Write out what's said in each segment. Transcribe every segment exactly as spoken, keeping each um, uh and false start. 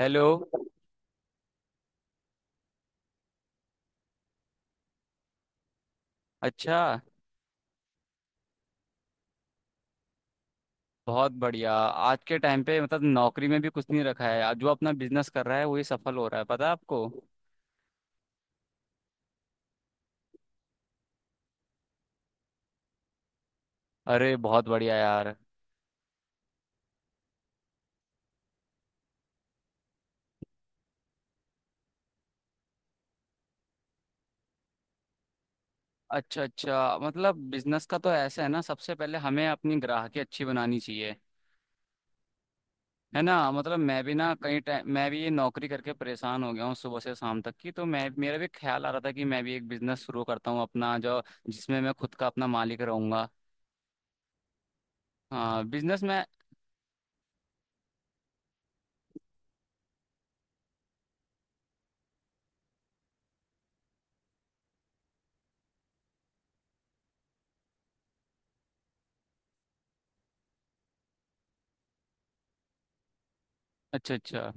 Hello. अच्छा। बहुत बढ़िया आज के टाइम पे मतलब नौकरी में भी कुछ नहीं रखा है। आज जो अपना बिजनेस कर रहा है वही सफल हो रहा है, पता है आपको। अरे बहुत बढ़िया यार। अच्छा अच्छा मतलब बिजनेस का तो ऐसा है ना, सबसे पहले हमें अपनी ग्राहकी अच्छी बनानी चाहिए, है ना। मतलब मैं भी ना कहीं टाइम मैं भी ये नौकरी करके परेशान हो गया हूँ सुबह से शाम तक की, तो मैं, मेरा भी ख्याल आ रहा था कि मैं भी एक बिजनेस शुरू करता हूँ अपना, जो जिसमें मैं खुद का अपना मालिक रहूंगा। हाँ, बिजनेस में। अच्छा अच्छा।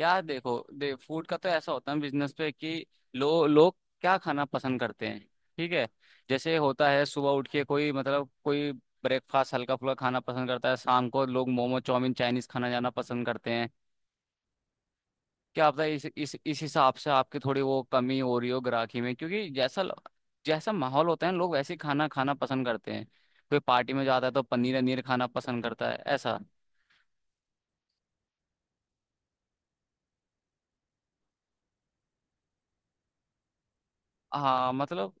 यार देखो दे फूड का तो ऐसा होता है बिजनेस पे कि लो लोग क्या खाना पसंद करते हैं। ठीक है। जैसे होता है सुबह उठ के कोई मतलब कोई ब्रेकफास्ट हल्का फुल्का खाना पसंद करता है, शाम को लोग मोमो चाउमीन चाइनीज खाना जाना पसंद करते हैं। क्या आपका इस इस इस हिसाब से आपकी थोड़ी वो कमी हो रही हो ग्राहकी में, क्योंकि जैसा जैसा माहौल होता है लोग वैसे ही खाना खाना पसंद करते हैं। कोई पार्टी में जाता है तो पनीर वनीर खाना पसंद करता है, ऐसा। हाँ मतलब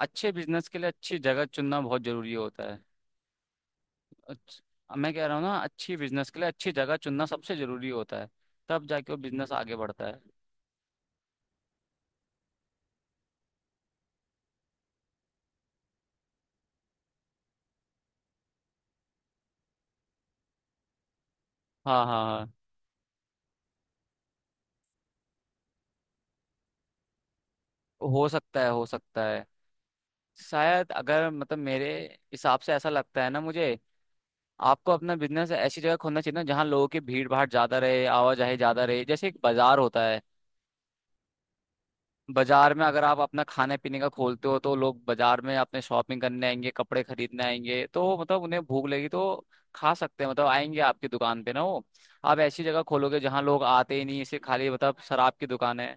अच्छे बिजनेस के लिए अच्छी जगह चुनना बहुत जरूरी होता है। अच्छ- मैं कह रहा हूँ ना अच्छी बिजनेस के लिए अच्छी जगह चुनना सबसे जरूरी होता है, तब जाके वो बिजनेस आगे बढ़ता है। हाँ हाँ हाँ। हो सकता है हो सकता है। शायद अगर मतलब मेरे हिसाब से ऐसा लगता है ना मुझे, आपको अपना बिजनेस ऐसी जगह खोलना चाहिए ना जहाँ लोगों की भीड़ भाड़ ज्यादा रहे, आवाजाही ज्यादा रहे, जैसे एक बाजार होता है। बाजार में अगर आप अपना खाने पीने का खोलते हो तो लोग बाजार में अपने शॉपिंग करने आएंगे, कपड़े खरीदने आएंगे, तो मतलब उन्हें भूख लगी तो खा सकते हैं, मतलब आएंगे आपकी दुकान पे ना। वो आप ऐसी जगह खोलोगे जहाँ लोग आते ही नहीं, इसे खाली मतलब शराब की दुकान है।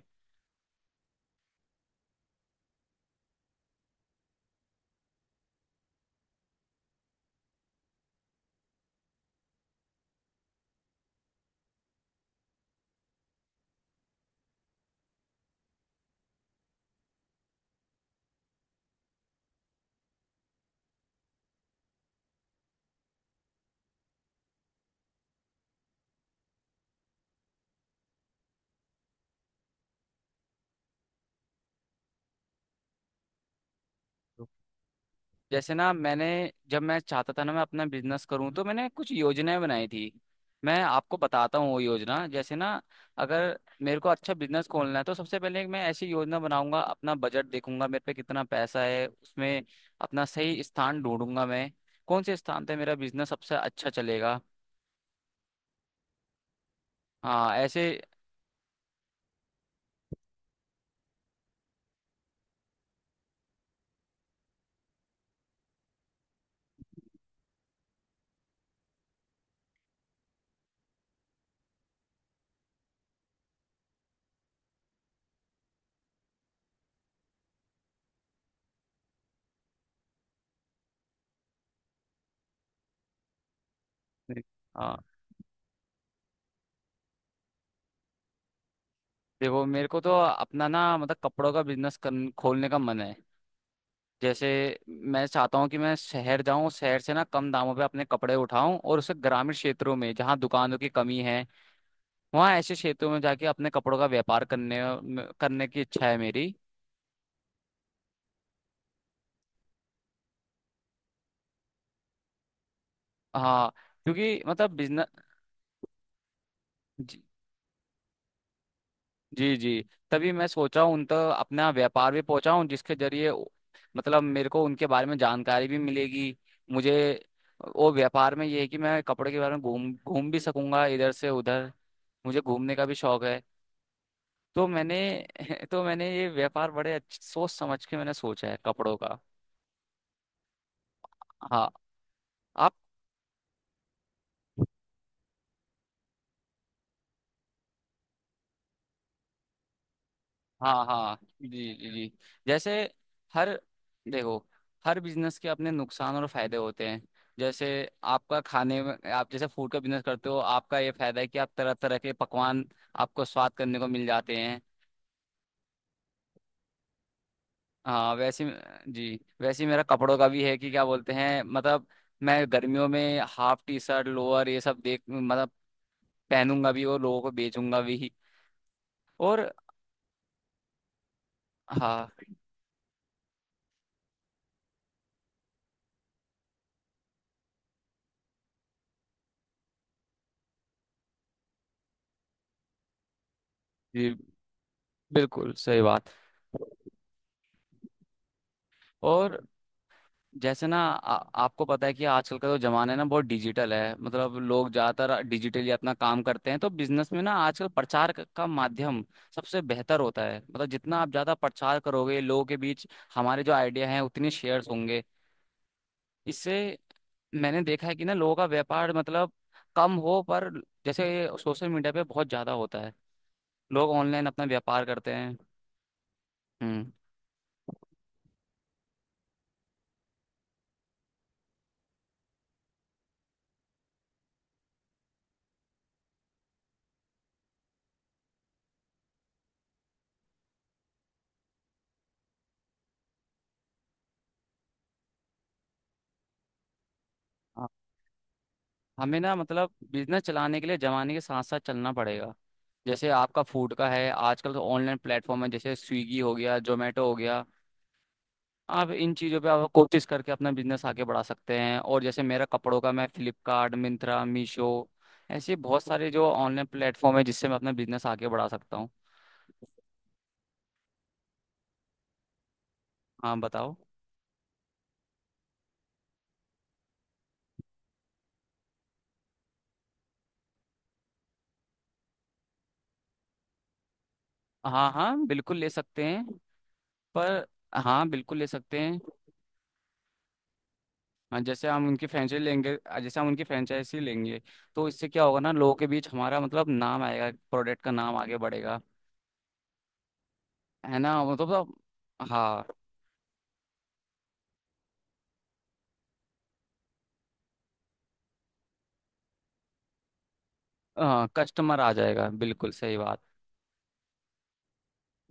जैसे ना मैंने, जब मैं चाहता था ना मैं अपना बिजनेस करूं तो मैंने कुछ योजनाएं बनाई थी। मैं आपको बताता हूँ वो योजना, जैसे ना अगर मेरे को अच्छा बिजनेस खोलना है तो सबसे पहले मैं ऐसी योजना बनाऊंगा, अपना बजट देखूंगा मेरे पे कितना पैसा है उसमें, अपना सही स्थान ढूंढूंगा मैं, कौन से स्थान पे मेरा बिजनेस सबसे अच्छा चलेगा। हाँ ऐसे। हाँ। देखो मेरे को तो अपना ना मतलब कपड़ों का बिजनेस खोलने का मन है। जैसे मैं चाहता हूँ कि मैं शहर जाऊँ, शहर से ना कम दामों पे अपने कपड़े उठाऊं और उसे ग्रामीण क्षेत्रों में जहाँ दुकानों की कमी है, वहाँ ऐसे क्षेत्रों में जाके अपने कपड़ों का व्यापार करने करने की इच्छा है मेरी। हाँ, क्योंकि मतलब बिजनेस। जी जी जी, तभी मैं सोचा हूँ उन तक अपना व्यापार भी पहुँचाऊँ जिसके जरिए उ- मतलब मेरे को उनके बारे में जानकारी भी मिलेगी मुझे। वो व्यापार में ये है कि मैं कपड़े के बारे में घूम घूम भी सकूंगा इधर से उधर, मुझे घूमने का भी शौक है। तो मैंने तो मैंने ये व्यापार बड़े अच्छे सोच समझ के मैंने सोचा है कपड़ों का। हाँ आप हाँ हाँ जी जी जी। जैसे हर देखो हर बिजनेस के अपने नुकसान और फायदे होते हैं। जैसे आपका खाने में आप जैसे फूड का बिजनेस करते हो, आपका ये फायदा है कि आप तरह तरह के पकवान, आपको स्वाद करने को मिल जाते हैं। हाँ वैसे ही- जी वैसे ही मेरा कपड़ों का भी है कि क्या बोलते हैं मतलब, मैं गर्मियों में हाफ टी शर्ट लोअर ये सब देख मतलब पहनूंगा भी और लोगों को बेचूंगा भी। और हाँ जी बिल्कुल सही बात। और जैसे ना आ, आपको पता है कि आजकल का जो जमाना है ना बहुत डिजिटल है, मतलब लोग ज्यादातर डिजिटली अपना काम करते हैं। तो बिजनेस में ना आजकल प्रचार क- का माध्यम सबसे बेहतर होता है, मतलब जितना आप ज्यादा प्रचार करोगे लोगों के बीच हमारे जो आइडिया हैं उतने शेयर्स होंगे इससे। मैंने देखा है कि ना लोगों का व्यापार मतलब कम हो, पर जैसे सोशल मीडिया पे बहुत ज्यादा होता है, लोग ऑनलाइन अपना व्यापार करते हैं। हम्म। हाँ, हमें ना मतलब बिजनेस चलाने के लिए जमाने के साथ साथ चलना पड़ेगा। जैसे आपका फूड का है, आजकल तो ऑनलाइन प्लेटफॉर्म है, जैसे स्विगी हो गया, जोमेटो हो गया, आप इन चीज़ों पे आप कोशिश करके अपना बिजनेस आगे बढ़ा सकते हैं। और जैसे मेरा कपड़ों का, मैं फ्लिपकार्ट, मिंत्रा, मीशो ऐसे बहुत सारे जो ऑनलाइन प्लेटफॉर्म है जिससे मैं अपना बिजनेस आगे बढ़ा सकता हूँ। हाँ बताओ। हाँ हाँ बिल्कुल ले सकते हैं, पर। हाँ बिल्कुल ले सकते हैं। हाँ जैसे हम उनकी फ्रेंचाइजी लेंगे। जैसे हम उनकी फ्रेंचाइजी लेंगे तो इससे क्या होगा ना, लोगों के बीच हमारा मतलब नाम आएगा, प्रोडक्ट का नाम आगे बढ़ेगा, है ना मतलब। हाँ। हाँ कस्टमर आ जाएगा, बिल्कुल सही बात।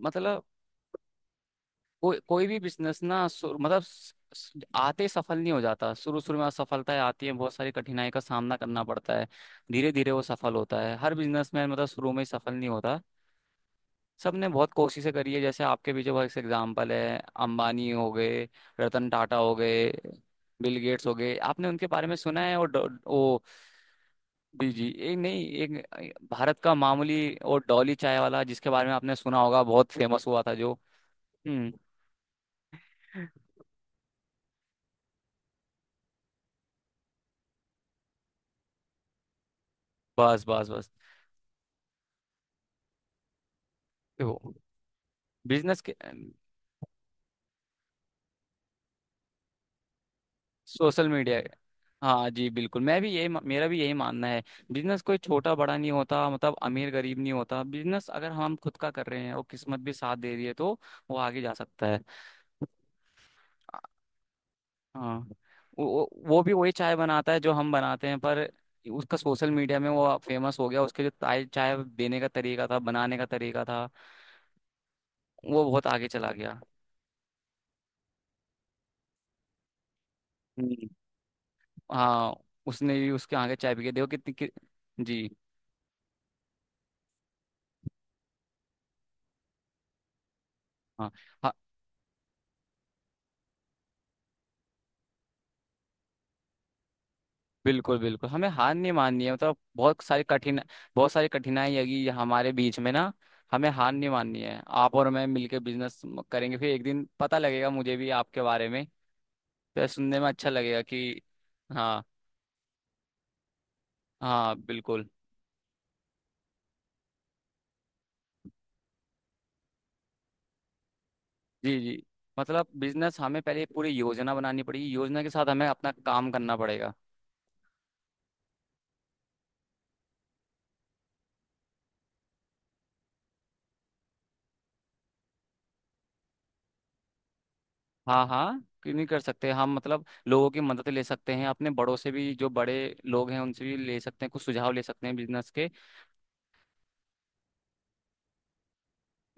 मतलब कोई कोई भी बिजनेस ना सु- मतलब स- स- आते ही सफल नहीं हो जाता, शुरू शुरू में असफलताएं आती हैं, बहुत सारी कठिनाई का सामना करना पड़ता है, धीरे धीरे वो सफल होता है। हर बिजनेसमैन मतलब शुरू में ही सफल नहीं होता, सबने बहुत कोशिशें करी है। जैसे आपके पीछे बहुत से एग्जाम्पल है, अंबानी हो गए, रतन टाटा हो गए, बिल गेट्स हो गए, आपने उनके बारे में सुना है। और डॉ- वो, जी जी एक नहीं एक भारत का मामूली, और डॉली चाय वाला जिसके बारे में आपने सुना होगा, बहुत फेमस हुआ था जो। हम्म। बस बस बस। देखो बिजनेस के, सोशल मीडिया। हाँ जी बिल्कुल, मैं भी यही, मेरा भी यही मानना है। बिजनेस कोई छोटा बड़ा नहीं होता मतलब, अमीर गरीब नहीं होता, बिजनेस अगर हम खुद का कर रहे हैं और किस्मत भी साथ दे रही है तो वो आगे जा सकता है। हाँ वो वो वो भी वही चाय बनाता है जो हम बनाते हैं, पर उसका सोशल मीडिया में वो फेमस हो गया, उसके जो चाय चाय देने का तरीका था, बनाने का तरीका था, वो बहुत आगे चला गया। हम्म। हाँ उसने भी उसके आगे चाय पी के देखो कितनी कि, जी। हाँ बिल्कुल बिल्कुल, हमें हार नहीं माननी है, मतलब बहुत सारी कठिन, बहुत सारी कठिनाई आएगी हमारे बीच में ना, हमें हार नहीं माननी है। आप और मैं मिलके बिजनेस करेंगे, फिर एक दिन पता लगेगा मुझे भी आपके बारे में, तो सुनने में अच्छा लगेगा कि। हाँ हाँ बिल्कुल। जी जी मतलब बिजनेस हमें पहले पूरी योजना बनानी पड़ेगी, योजना के साथ हमें अपना काम करना पड़ेगा। हाँ हाँ क्यों नहीं कर सकते हम, मतलब लोगों की मदद ले सकते हैं, अपने बड़ों से भी, जो बड़े लोग हैं उनसे भी ले सकते हैं, कुछ सुझाव ले सकते हैं बिजनेस के।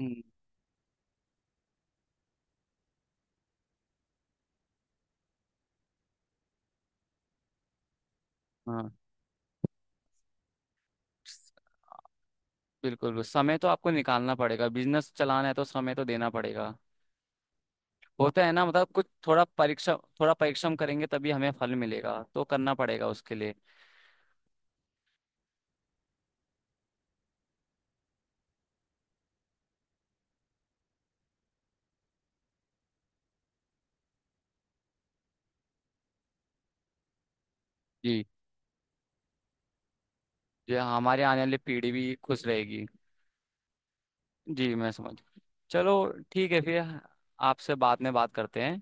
हम्म। हाँ बिल्कुल समय तो आपको निकालना पड़ेगा, बिजनेस चलाना है तो समय तो देना पड़ेगा। होता है ना, मतलब कुछ थोड़ा परीक्षा थोड़ा परिश्रम करेंगे तभी हमें फल मिलेगा, तो करना पड़ेगा उसके लिए। जी जी हमारे आने वाली पीढ़ी भी खुश रहेगी। जी मैं समझ, चलो ठीक है फिर आपसे बाद में बात करते हैं।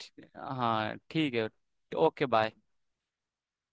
ठीक- हाँ ठीक है। Okay bye.